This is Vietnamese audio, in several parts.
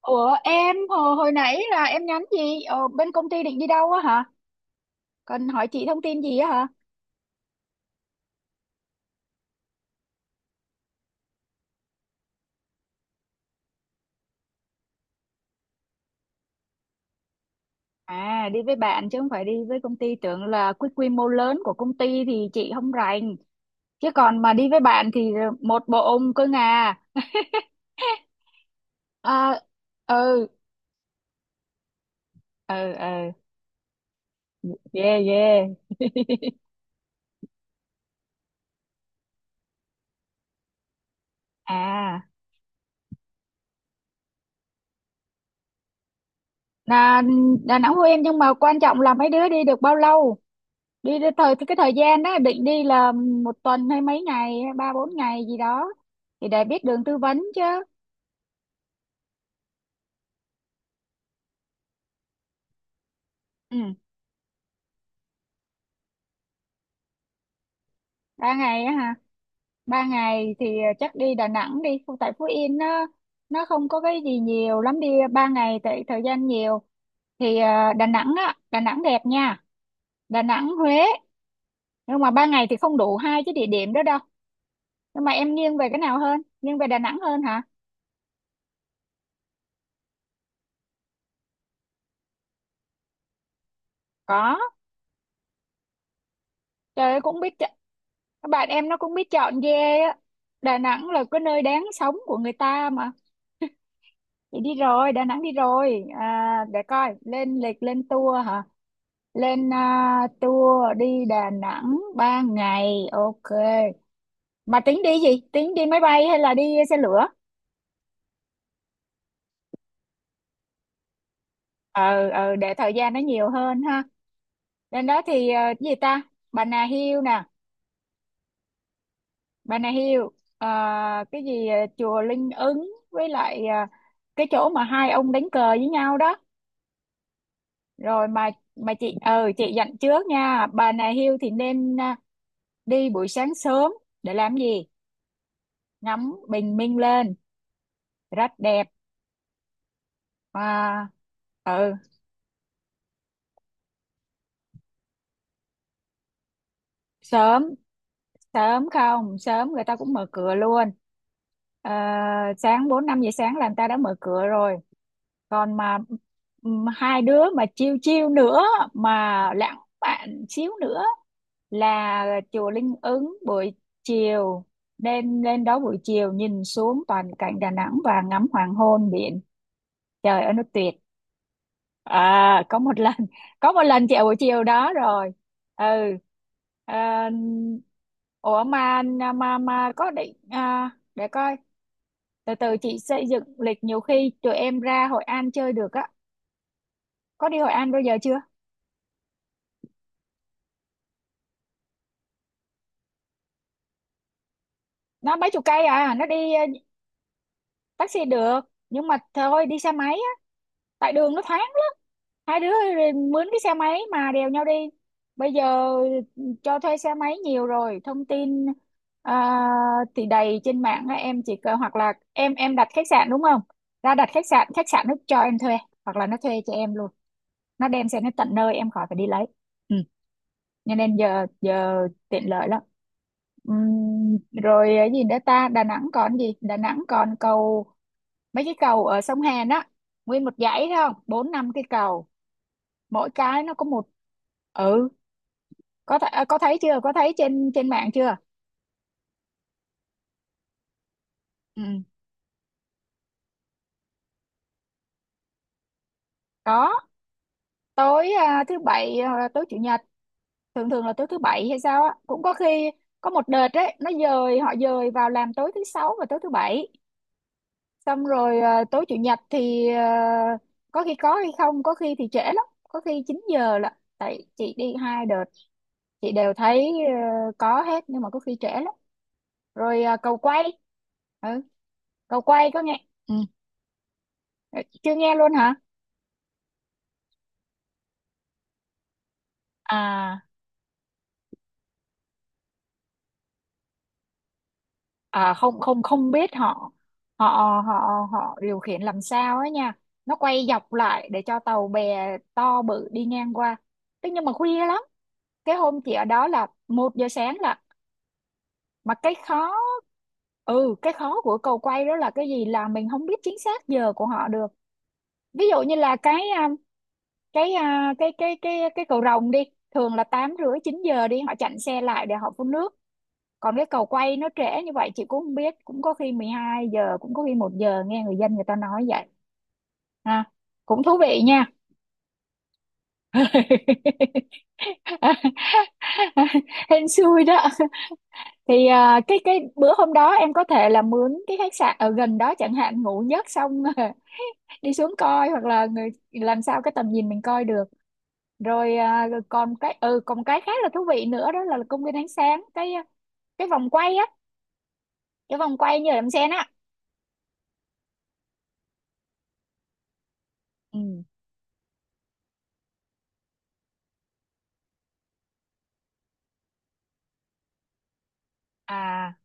Ủa em hồi nãy là em nhắn gì? Ờ, bên công ty định đi đâu á hả? Cần hỏi chị thông tin gì á hả? À, đi với bạn chứ không phải đi với công ty, tưởng là quy quy mô lớn của công ty thì chị không rành. Chứ còn mà đi với bạn thì một bộ ông cơ ngà. À, ừ, ừ, ừ, yeah, yeah. À là Đà Nẵng, Phú Yên, nhưng mà quan trọng là mấy đứa đi được bao lâu? Đi được thời cái thời gian đó định đi là một tuần hay mấy ngày, 3 4 ngày gì đó thì để biết đường tư vấn chứ. Ừ, 3 ngày á hả? 3 ngày thì chắc đi Đà Nẵng đi. Không- tại Phú Yên nó không có cái gì nhiều lắm, đi 3 ngày tại thời gian nhiều thì Đà Nẵng á, Đà Nẵng đẹp nha. Đà Nẵng, Huế, nhưng mà 3 ngày thì không đủ 2 cái địa điểm đó đâu. Nhưng mà em nghiêng về cái nào hơn? Nghiêng về Đà Nẵng hơn hả? Có. Trời ơi, cũng biết chọn- các bạn em nó cũng biết chọn ghê á. Đà Nẵng là cái nơi đáng sống của người ta mà. Thì đi rồi, Đà Nẵng đi rồi. À, để coi, lên lịch lên tour hả? Lên tour đi Đà Nẵng 3 ngày, ok. Mà tính đi gì, tính đi máy bay hay là đi xe lửa? Ờ, để thời gian nó nhiều hơn ha. Lên đó thì cái gì ta, Bà Nà Hills nè, Bà Nà Hills, ờ, cái gì, chùa Linh Ứng, với lại cái chỗ mà hai ông đánh cờ với nhau đó, rồi mà chị, chị dặn trước nha, Bà Nà Hills thì nên đi buổi sáng sớm, để làm gì, ngắm bình minh lên, rất đẹp. À, ừ, sớm. Sớm không sớm người ta cũng mở cửa luôn. Ờ, sáng 4 5 giờ sáng là người ta đã mở cửa rồi. Còn mà hai đứa mà chiêu chiêu nữa, mà lãng mạn xíu nữa, là chùa Linh Ứng buổi chiều, nên lên đó buổi chiều nhìn xuống toàn cảnh Đà Nẵng và ngắm hoàng hôn biển, trời ơi nó tuyệt. Có một lần, có một lần chị ở buổi chiều đó rồi. Ừ, à, ủa mà, mà có định để coi, từ từ chị xây dựng lịch, nhiều khi tụi em ra Hội An chơi được á. Có đi Hội An bao giờ chưa? Nó mấy chục cây, nó đi, taxi được, nhưng mà thôi đi xe máy, tại đường nó thoáng lắm. Hai đứa rồi mướn cái xe máy mà đèo nhau đi. Bây giờ cho thuê xe máy nhiều rồi, thông tin à, thì đầy trên mạng á. Em chỉ cần, hoặc là em đặt khách sạn đúng không, ra đặt khách sạn, khách sạn nó cho em thuê, hoặc là nó thuê cho em luôn, nó đem xe nó tận nơi, em khỏi phải đi lấy. Ừ. Cho nên giờ giờ tiện lợi lắm. Ừm, rồi cái gì nữa ta, Đà Nẵng còn gì, Đà Nẵng còn cầu, mấy cái cầu ở sông Hàn á, nguyên một dãy thấy không, 4 5 cái cầu, mỗi cái nó có một. Ừ, có th có thấy chưa, có thấy trên trên mạng chưa? Ừ, có. Tối thứ bảy, tối chủ nhật, thường thường là tối thứ bảy hay sao á, cũng có khi. Có một đợt đấy nó dời, họ dời vào làm tối thứ sáu và tối thứ bảy, xong rồi tối chủ nhật thì có khi có hay không, có khi thì trễ lắm, có khi 9 giờ, là tại chị đi 2 đợt, chị đều thấy có hết, nhưng mà có khi trễ lắm. Rồi cầu quay. Ừ, cầu quay có nghe. Ừ, chưa nghe luôn hả? À à không không không, biết họ, họ họ họ điều khiển làm sao ấy nha, nó quay dọc lại để cho tàu bè to bự đi ngang qua. Thế nhưng mà khuya lắm, cái hôm chị ở đó là 1 giờ sáng. Mà cái khó, ừ, cái khó của cầu quay đó là cái gì, là mình không biết chính xác giờ của họ được. Ví dụ như là cái cầu rồng đi, thường là 8 rưỡi 9 giờ đi, họ chặn xe lại để họ phun nước. Còn cái cầu quay nó trễ như vậy, chị cũng không biết, cũng có khi 12 giờ, cũng có khi 1 giờ, nghe người dân người ta nói vậy. Ha, cũng thú vị nha. Hên xui đó. Thì cái bữa hôm đó em có thể là mướn cái khách sạn ở gần đó chẳng hạn, ngủ giấc xong đi xuống coi, hoặc là người làm sao cái tầm nhìn mình coi được. Rồi à, rồi còn cái, còn cái khác là thú vị nữa, đó là công viên ánh sáng, cái cái vòng quay á, cái vòng quay như đầm sen á. Ừ, à,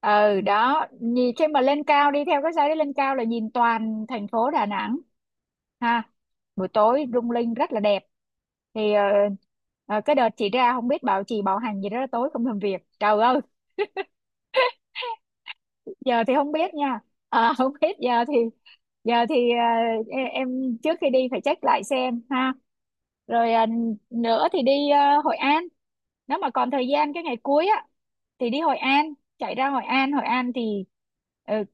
ừ, đó, nhìn khi mà lên cao, đi theo cái dây đấy lên cao là nhìn toàn thành phố Đà Nẵng, ha, buổi tối lung linh rất là đẹp. Thì cái đợt chị ra không biết bảo, chị bảo hành gì đó, tối không làm việc, trời ơi. Giờ thì không biết nha. À, không biết, giờ thì, giờ thì à, e- em trước khi đi phải check lại xem ha. Rồi nữa thì đi Hội An, nếu mà còn thời gian cái ngày cuối á thì đi Hội An, chạy ra Hội An. Hội An thì ờ,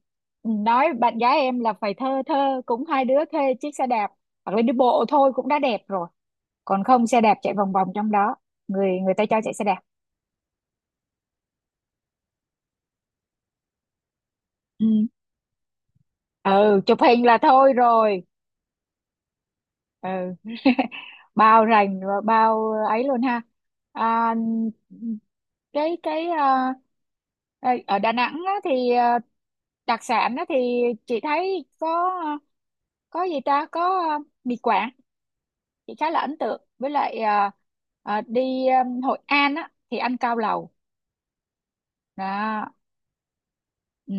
nói bạn gái em là phải thơ thơ cũng, hai đứa thuê chiếc xe đạp hoặc là đi bộ thôi cũng đã đẹp rồi. Còn không xe đạp chạy vòng vòng trong đó, người người ta cho chạy xe đạp. Ừ. Ừ, chụp hình là thôi rồi. Ừ, bao rành và bao ấy luôn ha. à, cái Ê, ở Đà Nẵng á, thì đặc sản á, thì chị thấy có có gì ta, có mì Quảng, chị khá là ấn tượng. Với lại đi Hội An á, thì ăn cao lầu đó. Ừ.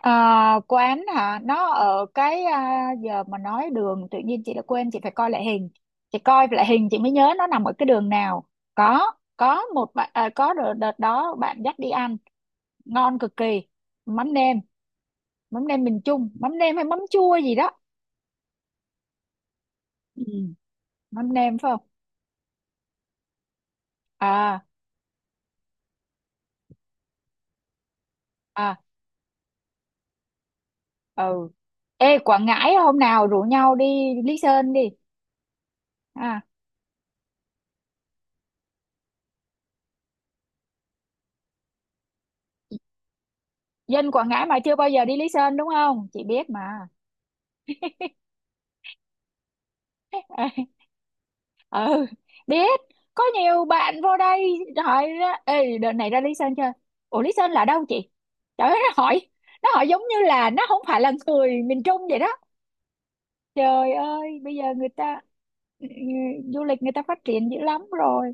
Ờ, quán hả, nó ở cái giờ mà nói đường tự nhiên chị đã quên, chị phải coi lại hình, chị coi lại hình chị mới nhớ nó nằm ở cái đường nào. Có một bạn có đợt, đợt đó bạn dắt đi ăn ngon cực kỳ. Mắm nêm, mắm nêm miền Trung, mắm nêm hay mắm chua gì đó. Ừ, mắm nêm phải không? À, à, ừ. Ê, Quảng Ngãi hôm nào rủ nhau đi Lý Sơn đi. à Dân Quảng Ngãi mà chưa bao giờ đi Lý Sơn đúng không, chị biết mà. Ê, ừ, biết, có nhiều bạn vô đây hỏi, ra ê đợt này ra Lý Sơn chơi, ủa Lý Sơn là đâu chị, trời ơi nó hỏi, nó hỏi giống như là nó không phải là người miền Trung vậy đó. Trời ơi, bây giờ người ta, ừ, ừ, du lịch người ta phát triển dữ lắm rồi.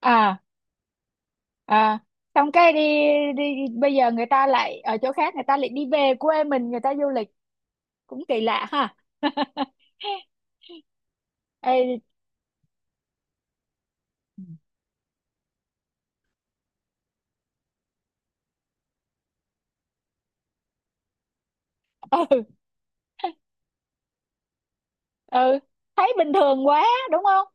À, à, xong cái đi bây giờ người ta lại ở chỗ khác, người ta lại đi về quê mình người ta du lịch, cũng kỳ lạ ha. Ê, ừ ừ, thấy bình thường quá đúng không,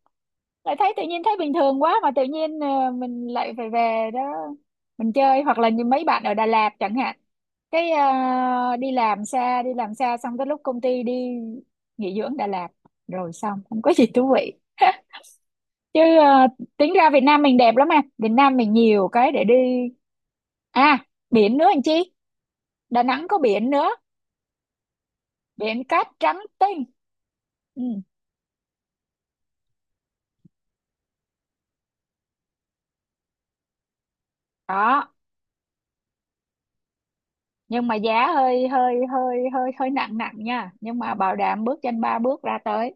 lại thấy tự nhiên thấy bình thường quá, mà tự nhiên mình lại phải về đó mình chơi. Hoặc là như mấy bạn ở Đà Lạt chẳng hạn, cái đi làm xa, đi làm xa xong cái lúc công ty đi nghỉ dưỡng Đà Lạt rồi xong không có gì thú vị. Chứ tính ra Việt Nam mình đẹp lắm mà, Việt Nam mình nhiều cái để đi. À, biển nữa anh chị, Đà Nẵng có biển nữa, biển cát trắng tinh. Ừ. Đó, nhưng mà giá hơi hơi hơi hơi hơi nặng nặng nha, nhưng mà bảo đảm bước chân 3 bước ra tới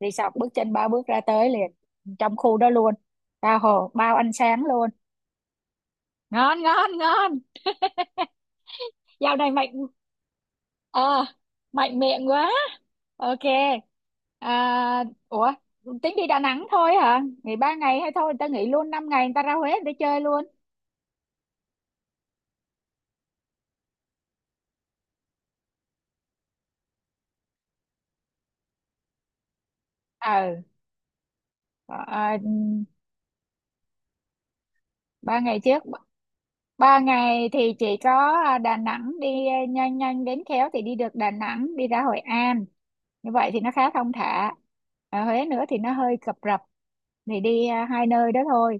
resort, bước chân 3 bước ra tới liền, trong khu đó luôn, tha hồ bao ăn sáng luôn. Ngon, ngon, ngon. Dạo này mạnh, ờ, mạnh miệng quá, ok. À, ủa, tính đi Đà Nẵng thôi hả, nghỉ 3 ngày? Hay thôi người ta nghỉ luôn 5 ngày, người ta ra Huế người ta chơi luôn. Ừ, ờ à, 3 ngày trước. 3 ngày thì chỉ có Đà Nẵng, đi nhanh nhanh đến khéo thì đi được Đà Nẵng đi ra Hội An, như vậy thì nó khá thong thả. Ở Huế nữa thì nó hơi cập rập. Thì đi 2 nơi đó thôi.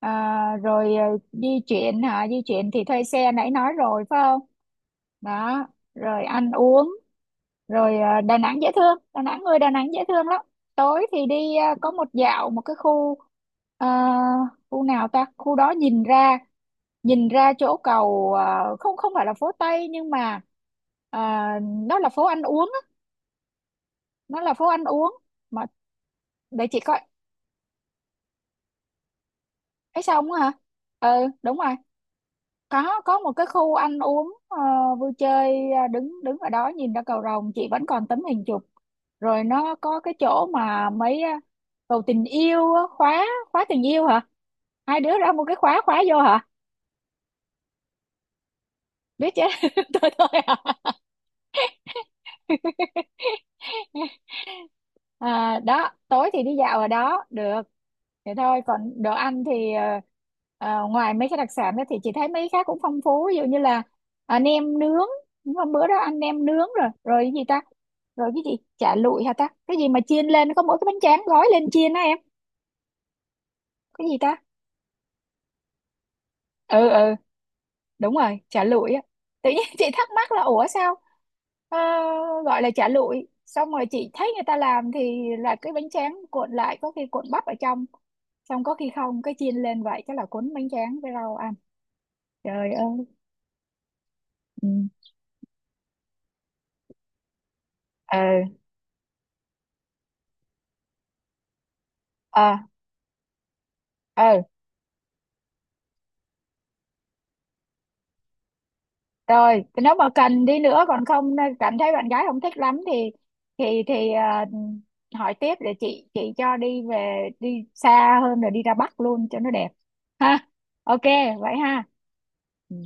à, rồi à, Di chuyển hả, di chuyển thì thuê xe nãy nói rồi phải không. Đó, rồi ăn uống. Rồi Đà Nẵng dễ thương, Đà Nẵng, người Đà Nẵng dễ thương lắm. Tối thì đi có một dạo, một cái khu à, khu nào ta, khu đó nhìn ra, nhìn ra chỗ cầu không, không phải là phố Tây, nhưng mà à, nó là phố ăn uống á, nó là phố ăn uống mà để chị coi, ấy xong á hả. Ừ, đúng rồi, có một cái khu ăn uống vui chơi, đứng đứng ở đó nhìn ra cầu Rồng, chị vẫn còn tấm hình chụp. Rồi nó có cái chỗ mà mấy cầu tình yêu á, khóa, khóa tình yêu hả, 2 đứa ra một cái khóa khóa vô hả, biết chứ. Tôi thôi à. À, đó, tối thì đi dạo ở đó được. Thế thôi, còn đồ ăn thì ngoài mấy cái đặc sản đó thì chị thấy mấy cái khác cũng phong phú, ví dụ như là nem nướng. Đúng, hôm bữa đó ăn nem nướng rồi, rồi cái gì ta, rồi cái gì, chả lụi hả ta, cái gì mà chiên lên có mỗi cái bánh tráng gói lên chiên á em, cái gì ta. Ừ, ừ, đúng rồi, chả lụi á. Tự nhiên chị thắc mắc là ủa sao ờ, gọi là chả lụi, xong rồi chị thấy người ta làm thì là cái bánh tráng cuộn lại, có khi cuộn bắp ở trong, xong có khi không, cái chiên lên, vậy chắc là cuốn bánh tráng với rau ăn. Trời ơi. Ừ. ờ ờ ờ Rồi nếu mà cần đi nữa, còn không cảm thấy bạn gái không thích lắm thì thì thì à, hỏi tiếp để chị cho đi, đi xa hơn rồi đi ra Bắc luôn cho nó đẹp, ha, ok. Vậy ha. Ừ.